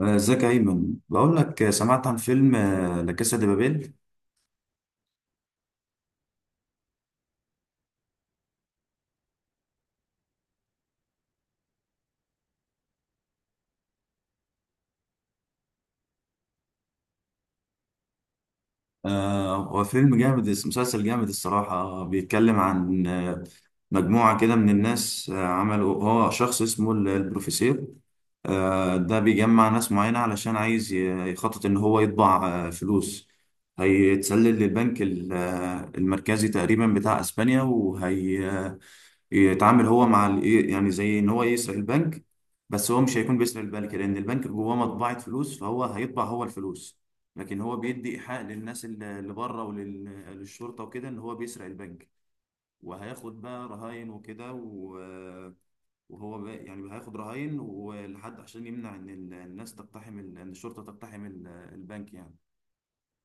ازيك يا ايمن، بقول لك سمعت عن فيلم لا كاسا دي بابيل. هو فيلم جامد، مسلسل جامد الصراحه. بيتكلم عن مجموعه كده من الناس. عملوا، هو شخص اسمه البروفيسور. ده بيجمع ناس معينه علشان عايز يخطط ان هو يطبع فلوس. هيتسلل للبنك المركزي تقريبا بتاع اسبانيا، وهي يتعامل هو مع إيه يعني، زي ان هو يسرق البنك. بس هو مش هيكون بيسرق البنك، لان البنك جواه مطبعة فلوس، فهو هيطبع هو الفلوس. لكن هو بيدي ايحاء للناس اللي بره وللشرطة وكده ان هو بيسرق البنك، وهياخد بقى رهاين وكده وهو بقى يعني هياخد رهاين ولحد، عشان يمنع ان الناس تقتحم ان الشرطة تقتحم البنك يعني.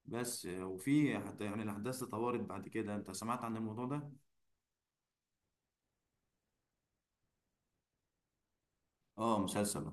بس وفي حتى يعني الاحداث تطورت بعد كده. انت سمعت عن الموضوع ده؟ اه، مسلسل.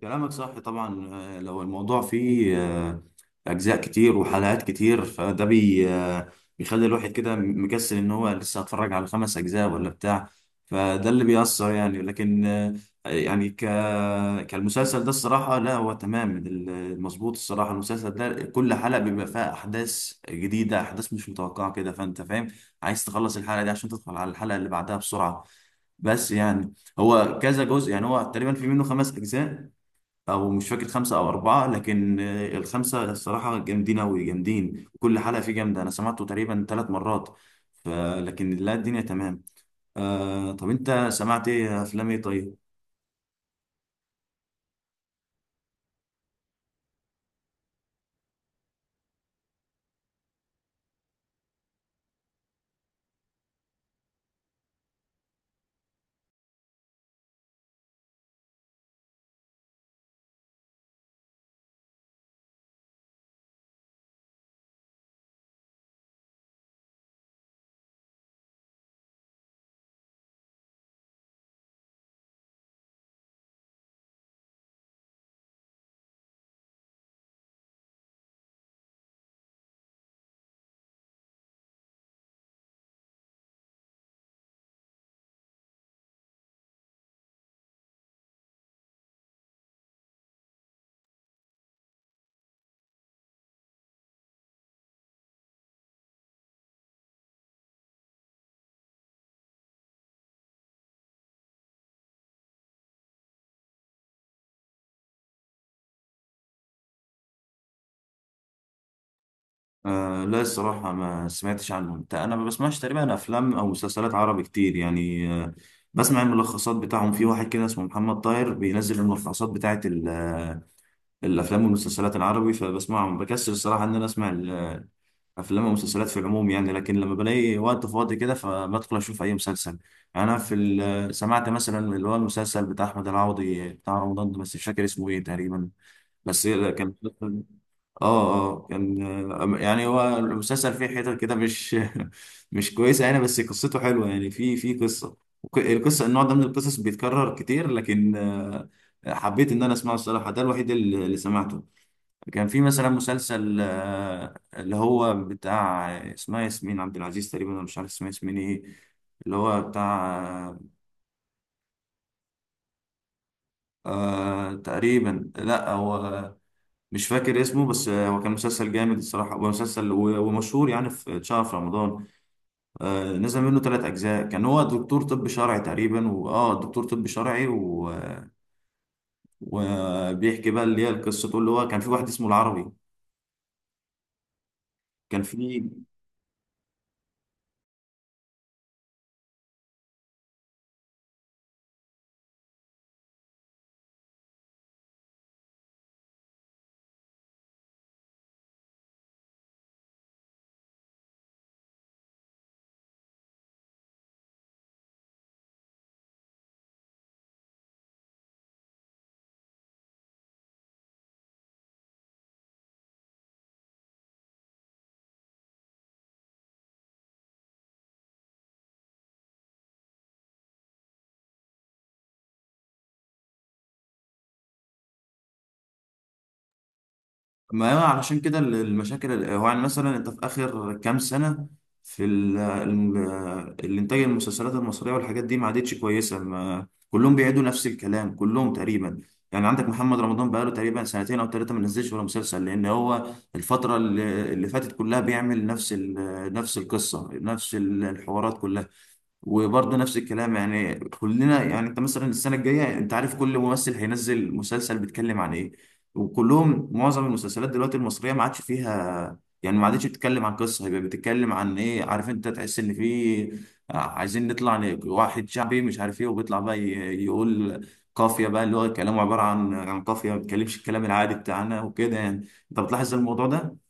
كلامك صح طبعا. لو الموضوع فيه أجزاء كتير وحلقات كتير، فده بي آه، بيخلي الواحد كده مكسل إن هو لسه هتفرج على خمس أجزاء ولا بتاع. فده اللي بيأثر يعني، لكن يعني كالمسلسل ده الصراحة. لا هو تمام المظبوط الصراحة، المسلسل ده كل حلقة بيبقى فيها أحداث جديدة، أحداث مش متوقعة كده، فأنت فاهم عايز تخلص الحلقة دي عشان تدخل على الحلقة اللي بعدها بسرعة. بس يعني هو كذا جزء، يعني هو تقريبا في منه خمس أجزاء، او مش فاكر خمسه او اربعه. لكن الخمسه الصراحه جامدين اوي، جامدين، كل حلقه فيه جامده. انا سمعته تقريبا ثلاث مرات. ف- لكن لا، الدنيا تمام. طب انت سمعت ايه؟ افلام ايه؟ طيب. لا الصراحه ما سمعتش عنهم، انا ما بسمعش تقريبا افلام او مسلسلات عربي كتير يعني. بسمع الملخصات بتاعهم في واحد كده اسمه محمد طاهر، بينزل الملخصات بتاعت الافلام والمسلسلات العربي فبسمعهم. بكسل الصراحه ان انا اسمع افلام ومسلسلات في العموم يعني، لكن لما بلاقي وقت فاضي كده فبدخل اشوف اي مسلسل. يعني انا في ال- آه، سمعت مثلا اللي هو المسلسل بتاع احمد العوضي بتاع رمضان ده، بس مش فاكر اسمه ايه تقريبا، بس كان اه اه، كان يعني هو المسلسل فيه حتت كده مش مش كويسه يعني، بس قصته حلوه يعني، في قصه. القصه، النوع ده من القصص بيتكرر كتير، لكن حبيت ان انا اسمعه الصراحه. ده الوحيد اللي سمعته. كان في مثلا مسلسل، اللي هو بتاع اسمها ياسمين عبد العزيز تقريبا، انا مش عارف اسمها ياسمين ايه، اللي هو بتاع تقريبا. لا، هو مش فاكر اسمه، بس هو كان مسلسل جامد الصراحة. هو مسلسل ومشهور يعني، في اتشهر في رمضان. نزل منه ثلاث أجزاء. كان هو دكتور طب شرعي تقريبا، وآه دكتور طب شرعي وبيحكي بقى اللي هي القصة، اللي هو كان في واحد اسمه العربي، كان في. ما هو علشان كده المشاكل هو يعني مثلا انت في اخر كام سنه، في الانتاج، المسلسلات المصريه والحاجات دي ما عادتش كويسه، ما كلهم بيعيدوا نفس الكلام كلهم تقريبا. يعني عندك محمد رمضان بقاله تقريبا سنتين او ثلاثه ما نزلش ولا مسلسل، لان هو الفتره اللي فاتت كلها بيعمل نفس نفس القصه، نفس الحوارات كلها، وبرضه نفس الكلام. يعني كلنا، يعني انت مثلا السنه الجايه انت عارف كل ممثل هينزل مسلسل بيتكلم عن ايه. وكلهم، معظم المسلسلات دلوقتي المصريه ما عادش فيها، يعني ما عادتش بتتكلم عن قصه، هيبقى بتتكلم عن ايه؟ عارف انت تحس ان في عايزين نطلع واحد شعبي مش عارف ايه، وبيطلع بقى يقول قافيه بقى، اللي هو كلامه عباره عن قافيه، ما بيتكلمش الكلام العادي بتاعنا وكده. يعني انت بتلاحظ الموضوع ده؟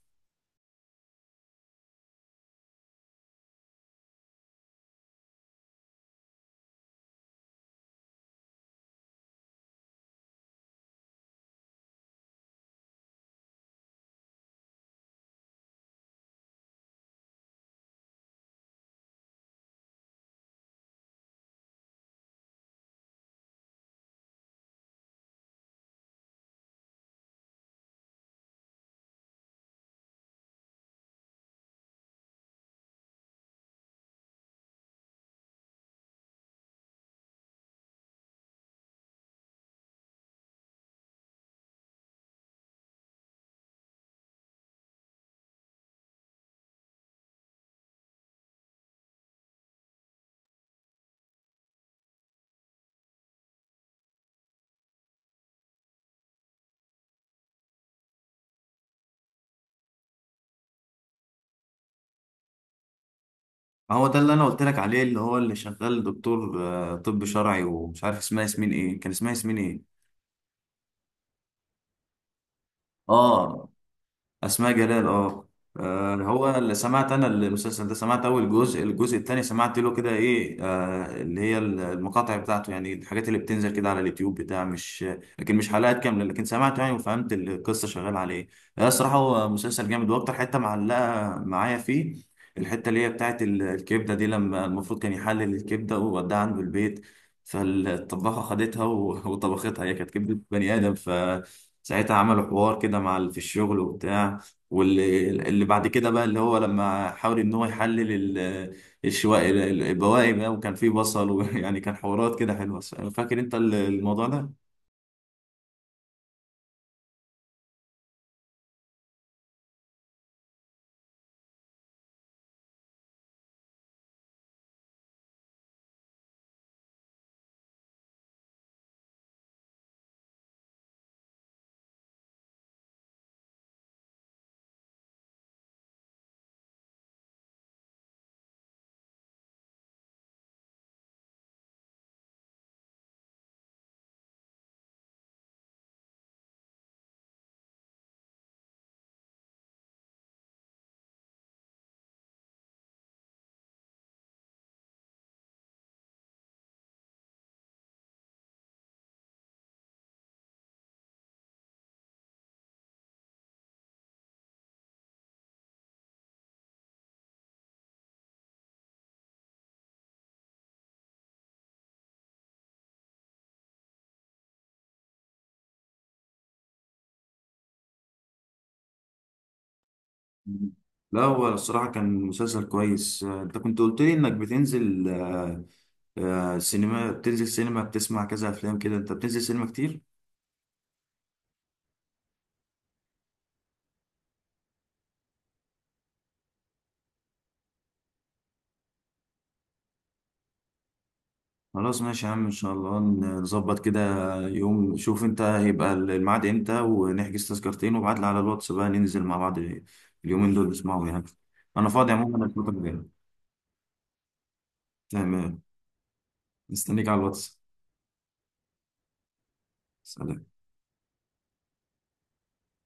ما هو ده اللي انا قلت لك عليه، اللي هو اللي شغال دكتور طب شرعي، ومش عارف اسمها ياسمين ايه، كان اسمها ياسمين ايه. اه، اسماء جلال، اه. هو اللي سمعت انا المسلسل ده، سمعت اول جزء. الجزء الثاني سمعت له كده ايه، اللي هي المقاطع بتاعته يعني، الحاجات اللي بتنزل كده على اليوتيوب بتاع مش، لكن مش حلقات كامله، لكن سمعت يعني وفهمت القصه شغاله على ايه. الصراحه هو مسلسل جامد. واكتر حته معلقه معايا فيه، الحته اللي هي بتاعت الكبده دي، لما المفروض كان يحلل الكبده ووداها عنده البيت، فالطباخه خدتها وطبختها، هي كانت كبده بني ادم. ساعتها عملوا حوار كده مع في الشغل وبتاع. واللي بعد كده بقى، اللي هو لما حاول ان هو يحلل ال- الشواء، البواقي بقى، وكان فيه بصل ويعني كان حوارات كده حلوة. فاكر انت الموضوع ده؟ لا، هو الصراحة كان مسلسل كويس. انت كنت قلت لي انك بتنزل سينما، بتنزل سينما، بتسمع كذا افلام كده. انت بتنزل سينما كتير؟ خلاص ماشي يا عم، ان شاء الله نظبط كده يوم. شوف انت هيبقى الميعاد امتى، ونحجز تذكرتين، وابعت لي على الواتس بقى ننزل مع بعض اليومين دول نسمعهم يعني. انا فاضي عموما الفترة الجاية. تمام. مستنيك على الواتس. سلام.